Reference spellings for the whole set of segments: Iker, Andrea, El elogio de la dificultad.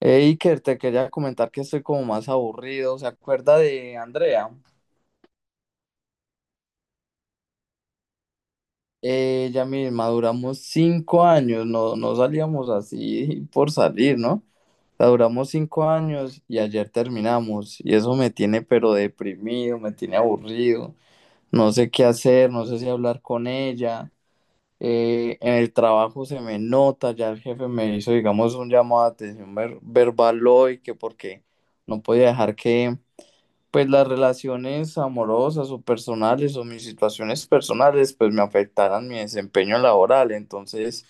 Hey, Iker, te quería comentar que estoy como más aburrido. ¿Se acuerda de Andrea? Ella misma, duramos 5 años, no, no salíamos así por salir, ¿no? La duramos cinco años y ayer terminamos. Y eso me tiene pero deprimido, me tiene aburrido. No sé qué hacer, no sé si hablar con ella. En el trabajo se me nota, ya el jefe me hizo, digamos, un llamado de atención verbal hoy, que porque no podía dejar que pues las relaciones amorosas o personales o mis situaciones personales pues me afectaran mi desempeño laboral. Entonces,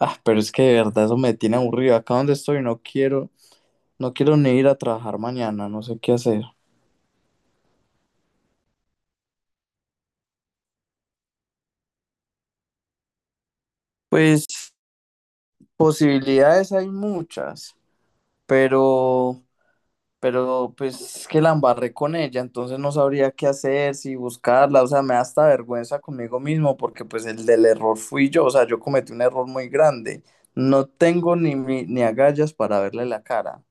ah, pero es que de verdad eso me tiene aburrido. Acá donde estoy no quiero, no quiero ni ir a trabajar mañana, no sé qué hacer. Pues posibilidades hay muchas, pero pero pues que la embarré con ella, entonces no sabría qué hacer, si buscarla, o sea, me da hasta vergüenza conmigo mismo porque pues el del error fui yo, o sea, yo cometí un error muy grande, no tengo ni, ni agallas para verle la cara.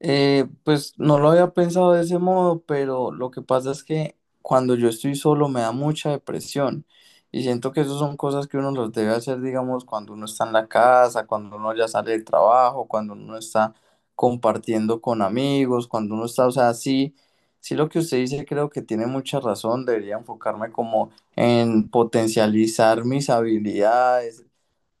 Pues no lo había pensado de ese modo, pero lo que pasa es que cuando yo estoy solo me da mucha depresión y siento que esas son cosas que uno los debe hacer, digamos, cuando uno está en la casa, cuando uno ya sale del trabajo, cuando uno está compartiendo con amigos, cuando uno está, o sea, sí, sí lo que usted dice creo que tiene mucha razón, debería enfocarme como en potencializar mis habilidades,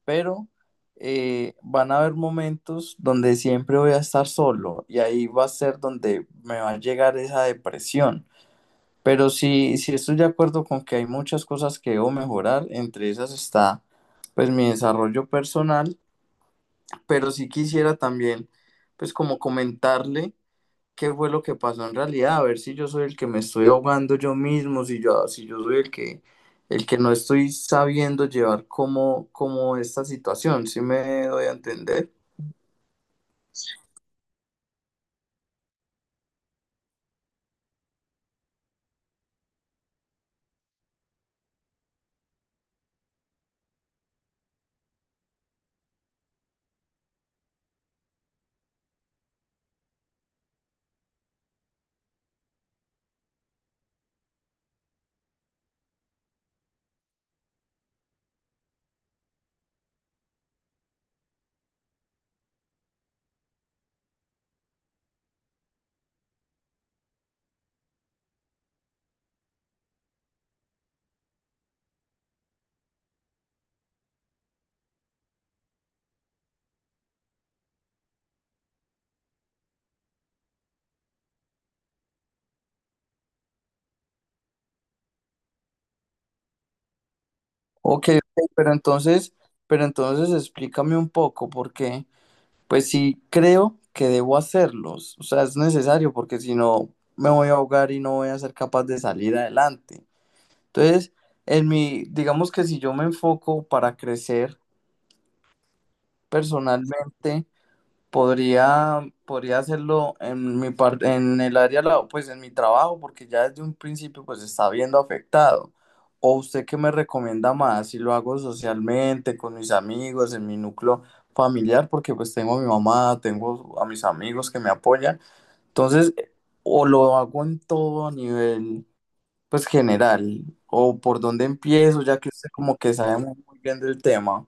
pero van a haber momentos donde siempre voy a estar solo y ahí va a ser donde me va a llegar esa depresión. Pero sí, sí estoy de acuerdo con que hay muchas cosas que debo mejorar, entre esas está pues mi desarrollo personal, pero sí quisiera también pues como comentarle qué fue lo que pasó en realidad, a ver si yo soy el que me estoy ahogando yo mismo, si yo soy el que no estoy sabiendo llevar como, como esta situación, ¿si me doy a entender? Ok, ok, pero entonces explícame un poco, porque pues sí creo que debo hacerlos, o sea, es necesario, porque si no me voy a ahogar y no voy a ser capaz de salir adelante. Entonces, en mi, digamos que si yo me enfoco para crecer personalmente, podría, podría hacerlo en mi parte, en el área, pues en mi trabajo, porque ya desde un principio pues está viendo afectado. ¿O usted qué me recomienda más? Si lo hago socialmente, con mis amigos, en mi núcleo familiar, porque pues tengo a mi mamá, tengo a mis amigos que me apoyan. Entonces, o lo hago en todo a nivel pues general, o por dónde empiezo, ya que usted como que sabe muy muy bien del tema.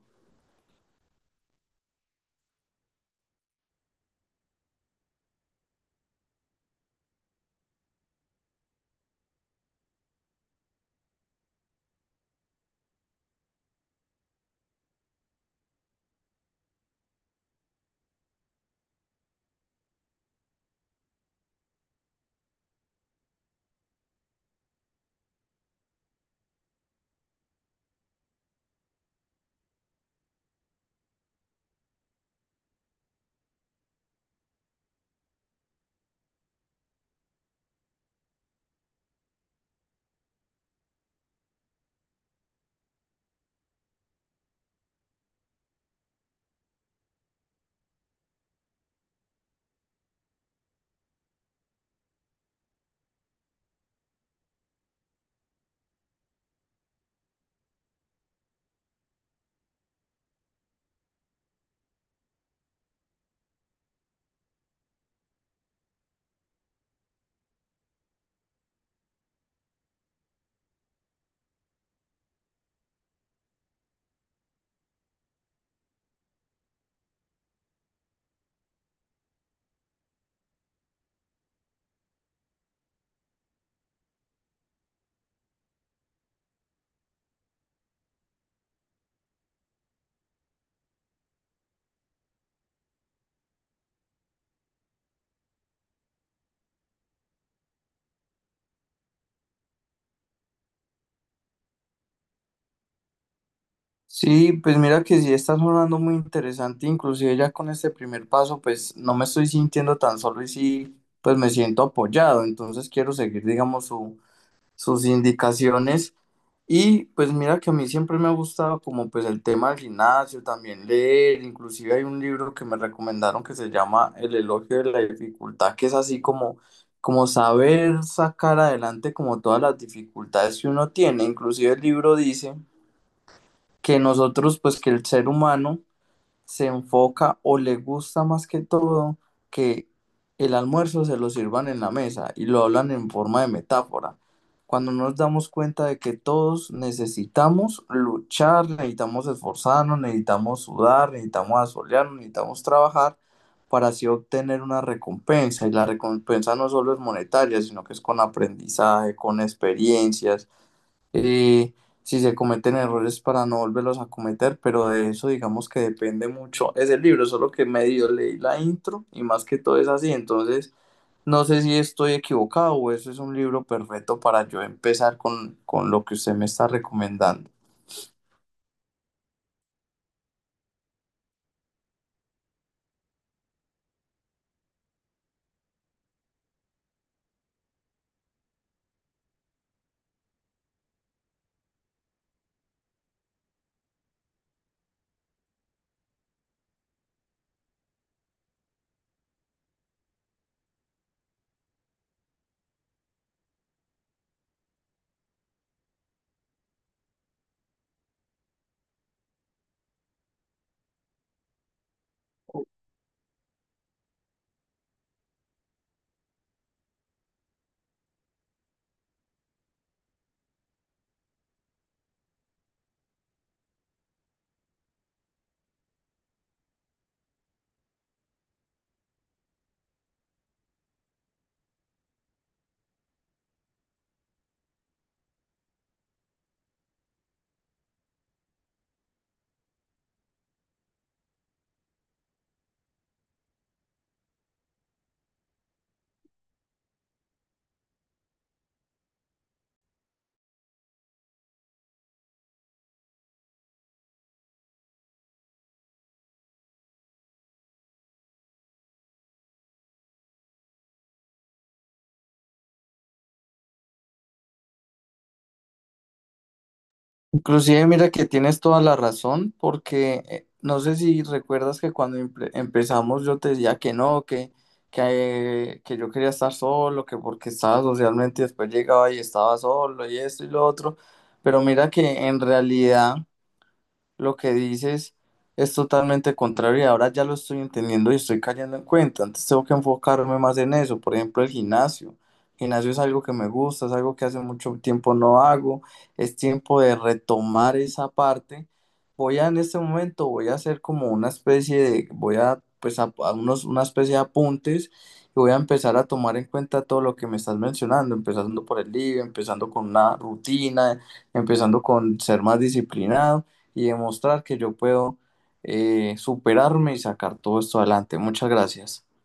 Sí, pues mira que sí está sonando muy interesante, inclusive ya con este primer paso, pues no me estoy sintiendo tan solo y sí, pues me siento apoyado, entonces quiero seguir, digamos, sus indicaciones. Y pues mira que a mí siempre me ha gustado como pues el tema del gimnasio, también leer. Inclusive hay un libro que me recomendaron que se llama El elogio de la dificultad, que es así como, como saber sacar adelante como todas las dificultades que uno tiene. Inclusive el libro dice que nosotros, pues que el ser humano se enfoca o le gusta más que todo que el almuerzo se lo sirvan en la mesa y lo hablan en forma de metáfora. Cuando nos damos cuenta de que todos necesitamos luchar, necesitamos esforzarnos, necesitamos sudar, necesitamos asolearnos, necesitamos trabajar para así obtener una recompensa. Y la recompensa no solo es monetaria, sino que es con aprendizaje, con experiencias, eh, si se cometen errores para no volverlos a cometer, pero de eso digamos que depende mucho. Es el libro, solo que medio leí la intro y más que todo es así. Entonces, no sé si estoy equivocado o eso es un libro perfecto para yo empezar con lo que usted me está recomendando. Inclusive, mira que tienes toda la razón, porque no sé si recuerdas que cuando empezamos yo te decía que no, que yo quería estar solo, que porque estaba socialmente y después llegaba y estaba solo y esto y lo otro, pero mira que en realidad lo que dices es totalmente contrario y ahora ya lo estoy entendiendo y estoy cayendo en cuenta. Antes tengo que enfocarme más en eso. Por ejemplo, el gimnasio. El gimnasio es algo que me gusta, es algo que hace mucho tiempo no hago. Es tiempo de retomar esa parte. Voy a, en este momento voy a hacer como una especie de, voy a pues a, unos, una especie de apuntes y voy a empezar a tomar en cuenta todo lo que me estás mencionando, empezando por el libro, empezando con una rutina, empezando con ser más disciplinado y demostrar que yo puedo, superarme y sacar todo esto adelante. Muchas gracias.